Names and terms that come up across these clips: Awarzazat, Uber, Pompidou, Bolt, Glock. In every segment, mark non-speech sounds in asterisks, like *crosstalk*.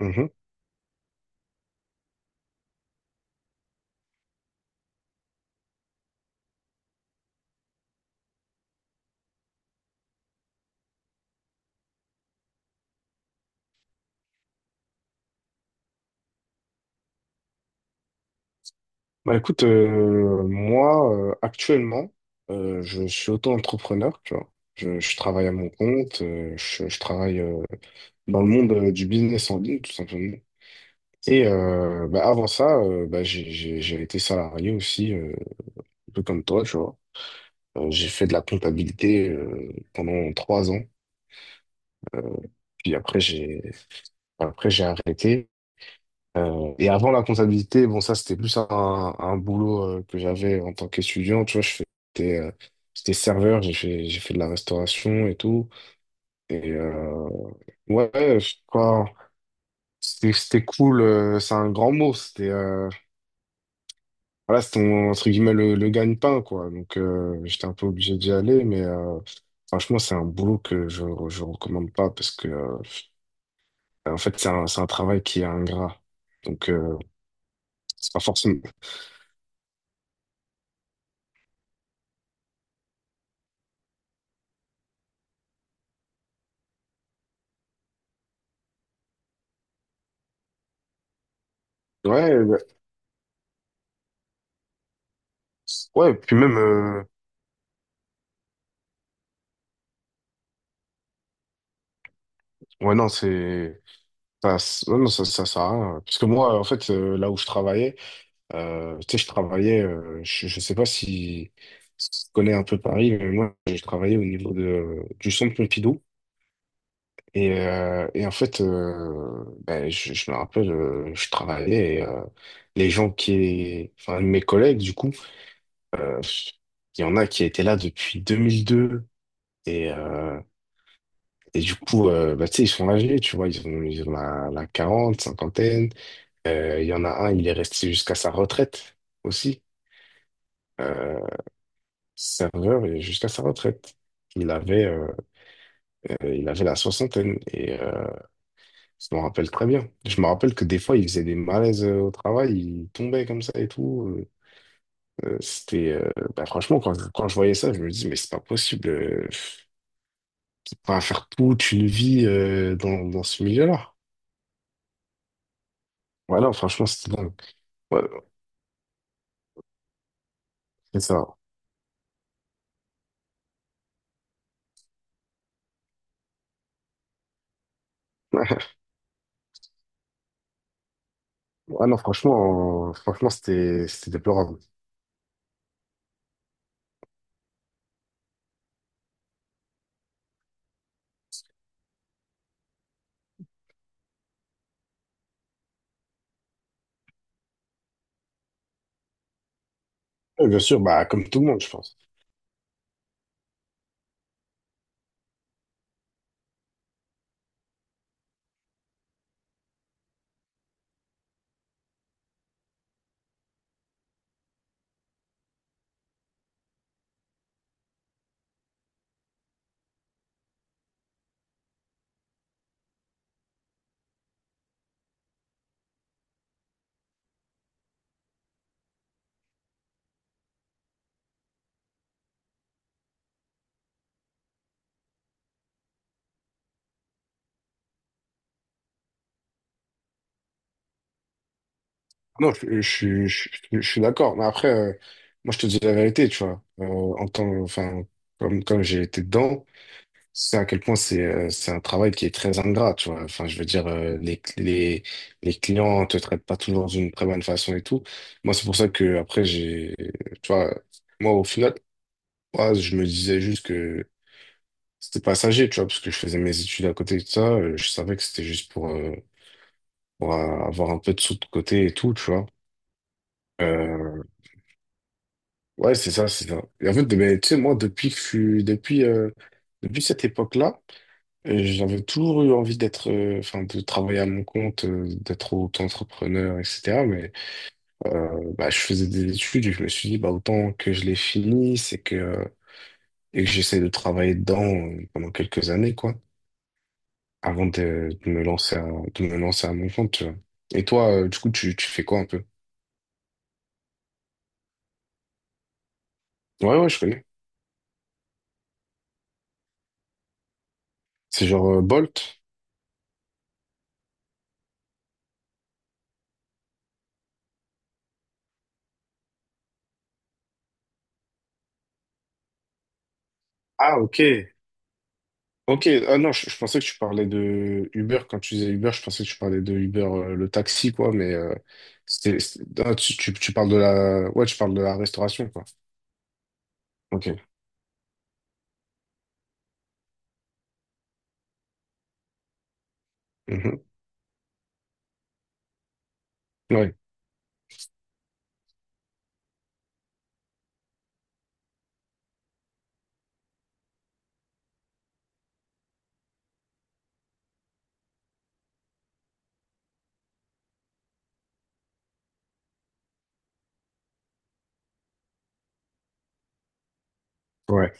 Mhm. Moi actuellement, je suis auto-entrepreneur, tu vois. Je travaille à mon compte, je travaille dans le monde du business en ligne, tout simplement. Et avant ça, j'ai été salarié aussi, un peu comme toi, tu vois. J'ai fait de la comptabilité pendant trois ans. Euh, puis après j'ai arrêté. Et avant la comptabilité, bon, ça, c'était plus un boulot que j'avais en tant qu'étudiant. Tu vois, je faisais, j'étais serveur, j'ai fait de la restauration et tout. Et ouais, je crois, c'était cool. C'est un grand mot. C'était voilà, c'était entre guillemets le gagne-pain, quoi. Donc, j'étais un peu obligé d'y aller. Mais franchement, c'est un boulot que je recommande pas parce que, en fait, c'est c'est un travail qui est ingrat. Donc, c'est pas forcément. Ouais, ouais. Ouais, puis même. Ouais, non, c'est. Ça, ouais, non, ça sert à rien, hein. Parce que moi, en fait, là où je travaillais, tu sais, je travaillais, je sais pas si, si tu connais un peu Paris, mais moi, j'ai travaillé au niveau du centre Pompidou. Et, en fait, je me rappelle, je travaillais, les gens qui. Enfin, mes collègues, du coup, euh, il y en a qui étaient là depuis 2002. Et, du coup, tu sais, ils sont âgés, tu vois, ils ont la 40, cinquantaine. Il y en a un, il est resté jusqu'à sa retraite aussi. Euh, Serveur et jusqu'à sa retraite. Il avait, euh, il avait la soixantaine et je m'en rappelle très bien. Je me rappelle que des fois, il faisait des malaises au travail, il tombait comme ça et tout. C'était, franchement, quand je voyais ça, je me dis, mais c'est pas possible. Faut pas faire toute une vie dans ce milieu-là. Voilà, franchement, c'était dingue. Ouais, c'est ça. *laughs* Ouais, non, franchement, c'était, c'était déplorable. Oui, bien sûr, bah, comme tout le monde, je pense. Non, je suis d'accord. Mais après, moi, je te dis la vérité, tu vois. Enfin, comme j'ai été dedans, c'est à quel point c'est un travail qui est très ingrat, tu vois. Enfin, je veux dire, les clients te traitent pas toujours d'une très bonne façon et tout. Moi, c'est pour ça que, après, tu vois, moi, au final, moi, je me disais juste que c'était passager, tu vois, parce que je faisais mes études à côté de ça. Je savais que c'était juste pour, avoir un peu de sous de côté et tout, tu vois. Euh, ouais, c'est ça, c'est ça. Et en fait, ben, tu sais, moi, depuis que je suis, depuis, depuis cette époque-là, j'avais toujours eu envie d'être, enfin, de travailler à mon compte, d'être auto-entrepreneur, etc. Mais je faisais des études et je me suis dit, bah, autant que je les finisse et que j'essaie de travailler dedans pendant quelques années, quoi, avant de me lancer à, de me lancer à mon compte, tu vois. Et toi, du coup, tu fais quoi un peu? Ouais, ouais, je connais. C'est genre Bolt. Ah, ok. Ok, ah non, je pensais que tu parlais de Uber. Quand tu disais Uber, je pensais que tu parlais de Uber, le taxi, quoi, mais c'était, c'est- ah, tu parles de la... Ouais, tu parles de la restauration, quoi. Ok. Mhm. Ouais, ouais.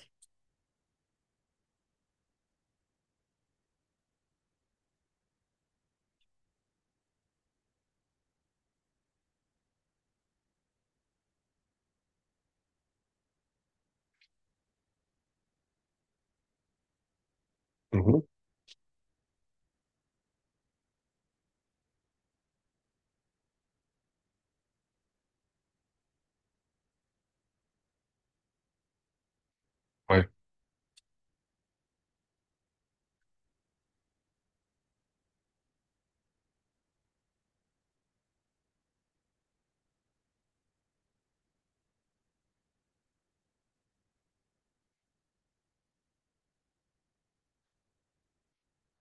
Mhm. Ouais,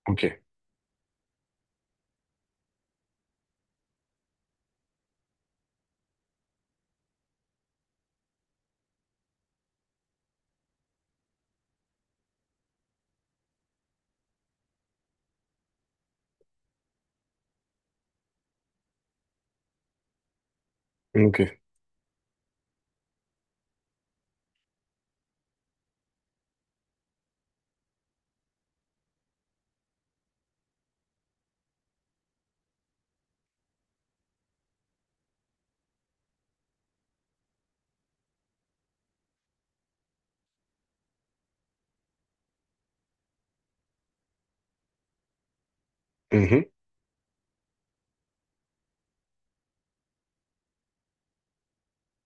ok. Ok. Mhm.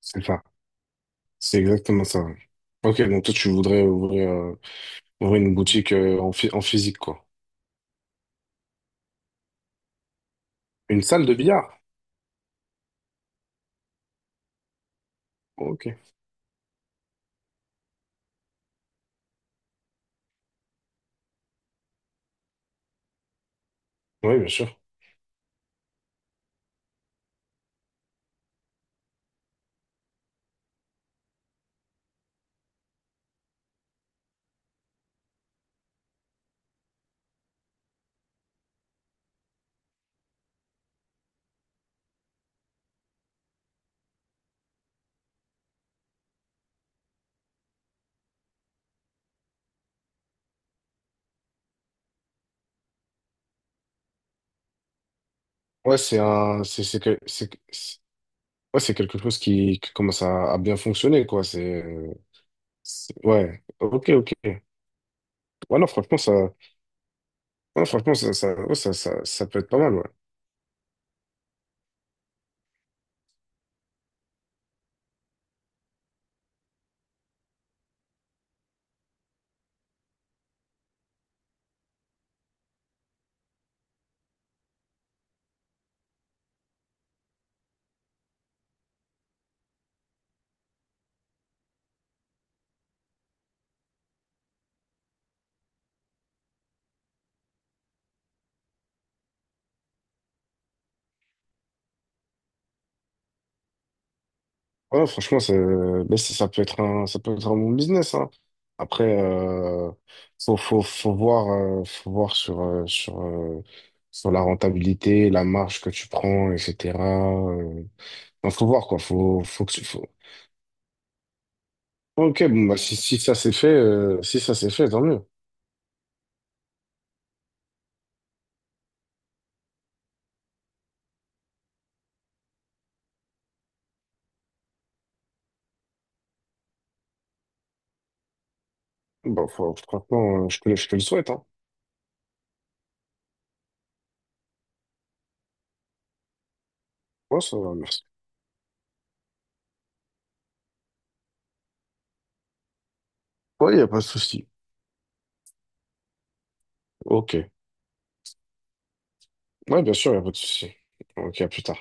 C'est ça. C'est exactement ça, ouais. Ok, donc toi, tu voudrais ouvrir, ouvrir une boutique en physique, quoi. Une salle de billard? Ok. Oui, bien sûr. Ouais, c'est un... c'est que... c'est- Ouais, c'est quelque chose qui commence à bien fonctionner, quoi. Euh, Ouais, ok, ok. Ouais, non, ouais, franchement, ouais, ça peut être pas mal, ouais. Ouais, non, franchement, ça peut être ça peut être un bon business, hein. Après, faut voir, euh, faut voir sur, euh, sur, euh, sur la rentabilité, la marge que tu prends, etc. Euh, non, faut voir, quoi. Faut... Ok, bon, bah, si, si ça s'est fait, tant mieux. Bon, franchement, je te le souhaite, hein. Ouais, ça va, merci. Ouais, y a pas de souci. Ok. Ouais, bien sûr, il n'y a pas de souci. Ok, à plus tard.